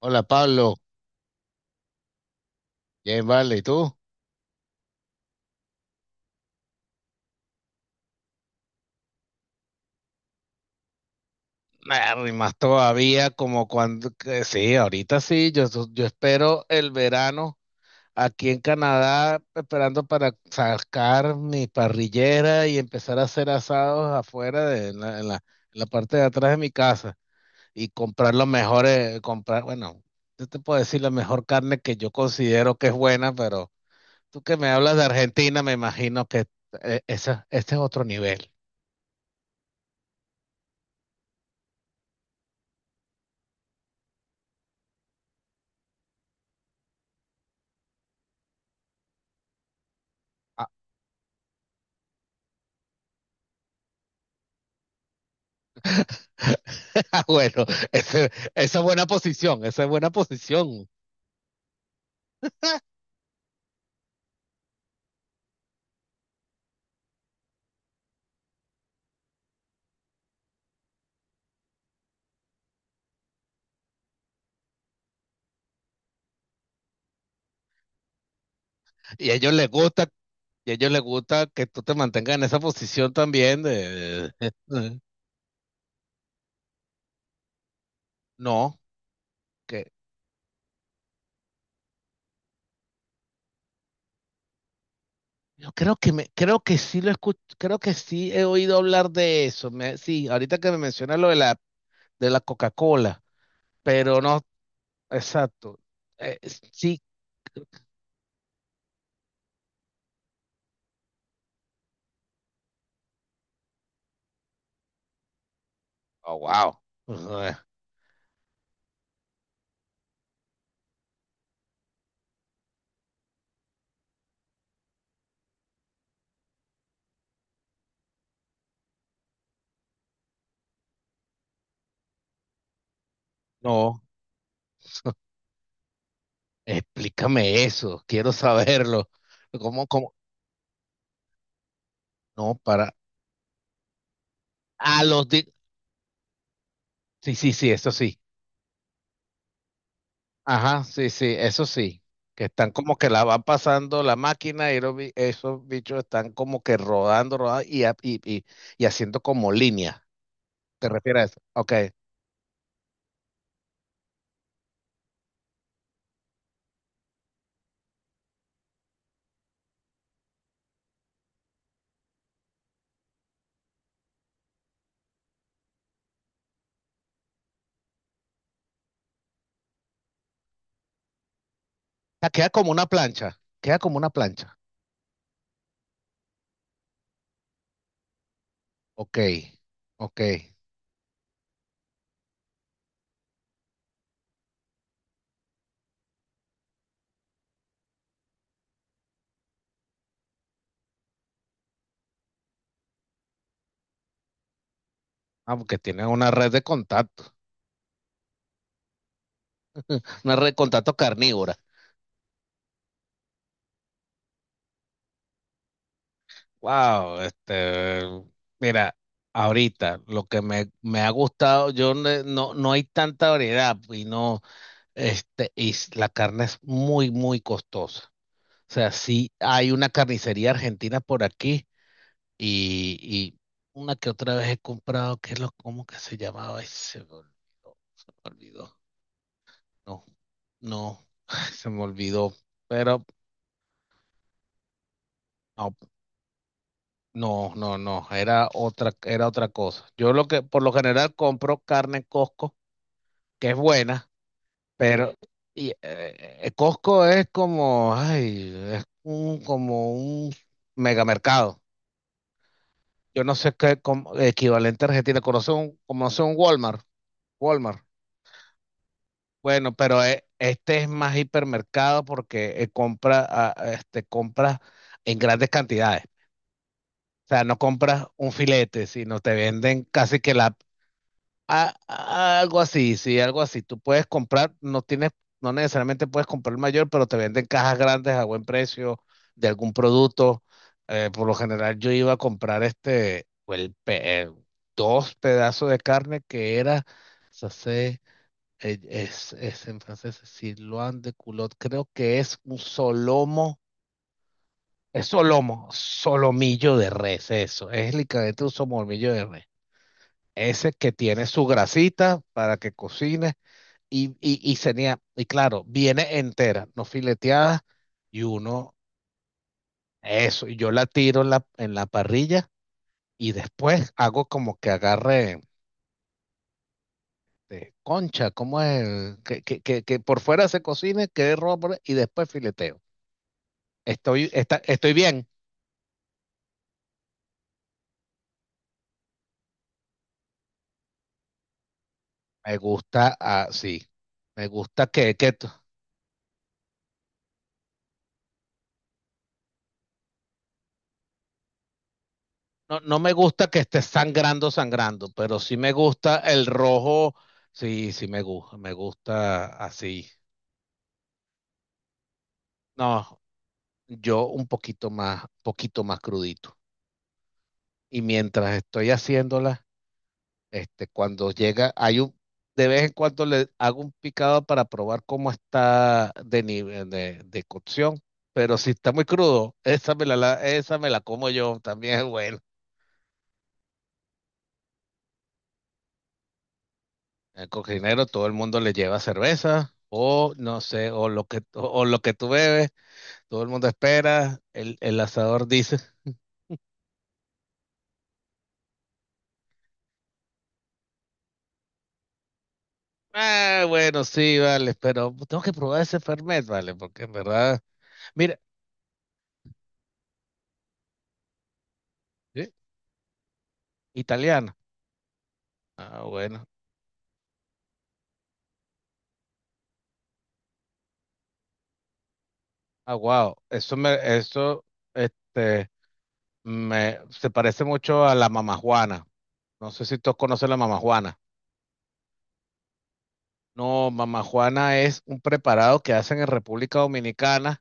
Hola Pablo, bien vale, ¿y tú? Nah, y más todavía como cuando, que sí, ahorita sí, yo, yo espero el verano aquí en Canadá, esperando para sacar mi parrillera y empezar a hacer asados afuera de en la parte de atrás de mi casa y comprar los mejores, comprar, bueno, yo te puedo decir la mejor carne que yo considero que es buena, pero tú que me hablas de Argentina, me imagino que esa, este es otro nivel. Ah, Ah, bueno, ese- esa es buena posición, esa es buena posición. Y a ellos les gusta, y a ellos les gusta que tú te mantengas en esa posición también de... No, que yo creo que me, creo que sí lo escucho, creo que sí he oído hablar de eso. Sí, ahorita que me mencionas lo de la Coca-Cola, pero no, exacto. eh, sí, oh, wow. No, explícame eso, quiero saberlo. ¿Cómo, cómo? No, para. A los, sí, sí, sí, eso sí. Ajá, sí, sí, eso sí. Que están como que la van pasando la máquina y esos bichos están como que rodando, rodando y haciendo como línea. ¿Te refieres a eso? Ok. Ah, queda como una plancha. Queda como una plancha. Ok, ok. Ah, porque tienen una red de contacto. Una red de contacto carnívora. Wow, este. Mira, ahorita lo que me ha gustado, yo no no hay tanta variedad y no. Este, la carne es muy, muy costosa. O sea, sí hay una carnicería argentina por aquí y una que otra vez he comprado, ¿qué es lo, cómo que se llamaba? Ay, se me olvidó, se me olvidó. No, no, se me olvidó. Pero no, no, no, no, era otra cosa. Yo lo que, por lo general compro carne en Costco, que es buena. Pero y, Costco es como, ay, es un, como un megamercado. Yo no sé qué como, equivalente a Argentina, conoce un Walmart, Walmart. Bueno, pero este es más hipermercado porque compra, ah, este, compras en grandes cantidades. O sea, no compras un filete, sino te venden casi que la algo así, sí, algo así. Tú puedes comprar, no tienes, no necesariamente puedes comprar el mayor, pero te venden cajas grandes a buen precio de algún producto. Por lo general yo iba a comprar este, o el, dos pedazos de carne que era, se hace, es en francés, sirloin de culot, creo que es un solomo, es solomo, solomillo de res, eso, es literalmente un solomillo de res. Ese que tiene su grasita para que cocine y tenía, y claro, viene entera, no fileteada, y uno, eso, y yo la tiro en en la parrilla y después hago como que agarre concha, como es? Que por fuera se cocine, quede roja y después fileteo. Estoy bien. Me gusta así. Me gusta que. No, no me gusta que esté sangrando, sangrando, pero sí me gusta el rojo. Sí, sí me gusta así. No, yo un poquito más crudito. Y mientras estoy haciéndola, este, cuando llega, hay un, de vez en cuando le hago un picado para probar cómo está de nivel de cocción. Pero si está muy crudo, esa me la, esa me la como yo, también es bueno. El cocinero, todo el mundo le lleva cerveza, o no sé, o lo que tú bebes, todo el mundo espera, el asador dice. Ah, bueno, sí, vale, pero tengo que probar ese Fernet, vale, porque en verdad, mira, ¿sí? Italiano. Ah, bueno. Ah, wow. Eso, este, me, se parece mucho a la mamajuana. No sé si todos conocen la mamajuana. No, mamajuana es un preparado que hacen en República Dominicana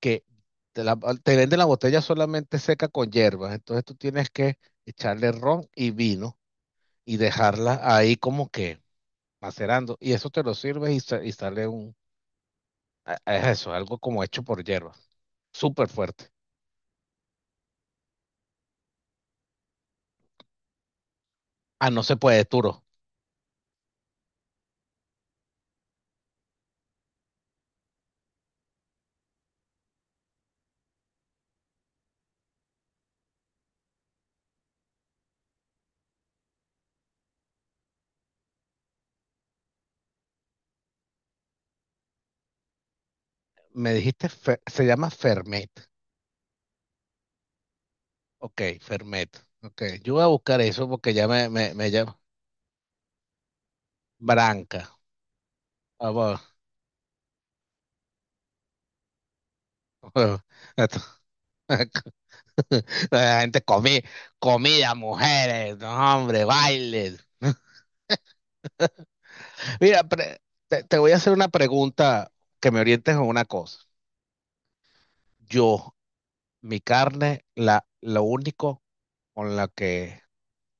que te, la- te venden la botella solamente seca con hierbas. Entonces tú tienes que echarle ron y vino y dejarla ahí como que macerando. Y eso te lo sirves y sale un, a eso, algo como hecho por hierba, súper fuerte. Ah, no se puede, Turo. Me dijiste, se llama Fermet. Ok, Fermet. Ok, yo voy a buscar eso porque ya me llama Branca. Ah, bueno. Bueno, Esto- La gente comí, comida, mujeres, no, hombre, bailes. Mira, te voy a hacer una pregunta que me orientes en una cosa. Yo, mi carne, la, lo único con la que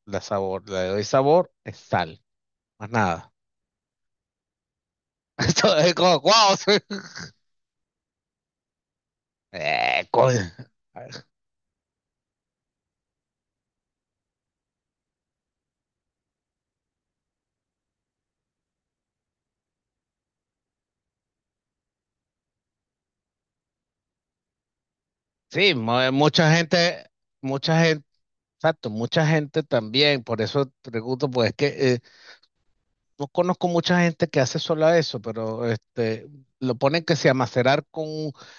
la sabor, la de doy sabor es sal, más nada. Esto es como, wow. Sí. Coño. Sí, mucha gente, exacto, mucha gente también, por eso pregunto, pues es que no conozco mucha gente que hace solo eso, pero este, lo ponen que se a con,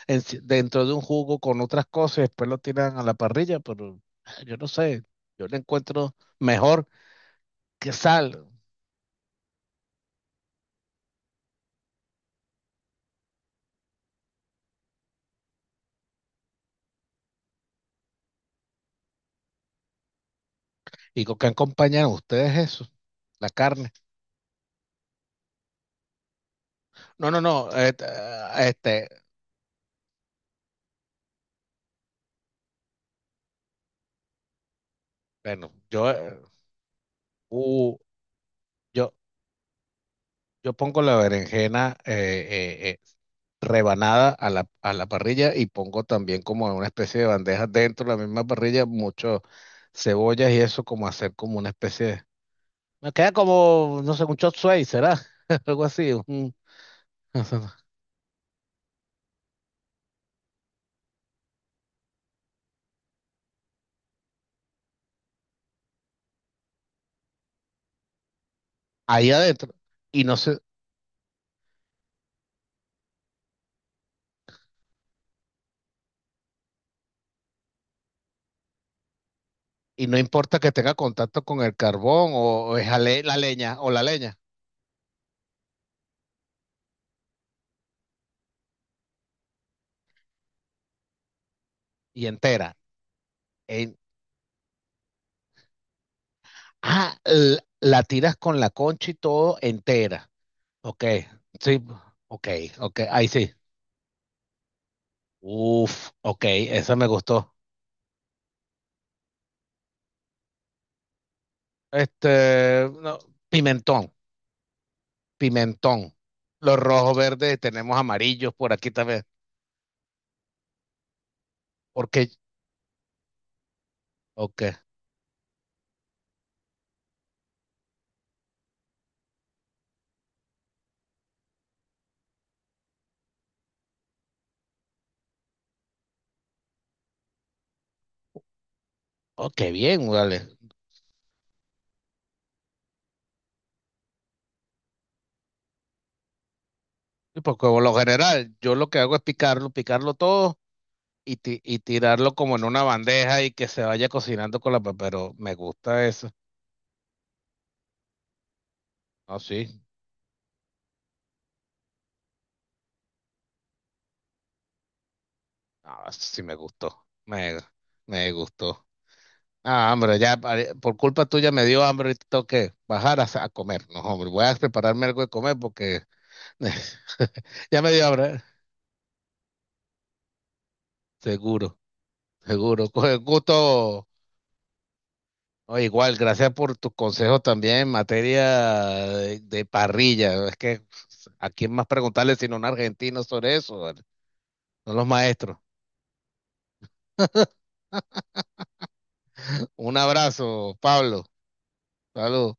en- si, dentro de un jugo con otras cosas y después lo tiran a la parrilla, pero ah, yo no sé, yo le encuentro mejor que sal. ¿Y con qué acompañan ustedes eso? La carne. No, no, no. Este, bueno, uh, yo, yo pongo la berenjena eh, eh, rebanada a a la parrilla y pongo también como en una especie de bandeja dentro de la misma parrilla, mucho cebollas y eso como hacer como una especie de... Me queda como, no sé, un chop suey, ¿será? Algo así. Ahí adentro. Y no sé, y no importa que tenga contacto con el carbón o, la leña o la leña y entera. e Ah, la tiras con la concha y todo entera. Ok, sí, ok, ok, ahí sí. Uf, ok, esa me gustó. Este, no, pimentón, pimentón. Los rojos, verdes, tenemos amarillos por aquí también. Porque, ok, ok, bien, vale. Sí, porque por lo general, yo lo que hago es picarlo, picarlo todo y tirarlo como en una bandeja y que se vaya cocinando con la... Pero me gusta eso. Ah, sí. Ah, eso sí me gustó. Me gustó. Ah, hombre, ya por culpa tuya me dio hambre y tengo que bajar a comer. No, hombre, voy a prepararme algo de comer porque ya me dio hambre. ¿Eh? Seguro, seguro. Con el gusto. Oh, igual, gracias por tus consejos también en materia de parrilla. Es que a quién más preguntarle sino a un argentino sobre eso, ¿vale? Son los maestros. Un abrazo, Pablo. Salud.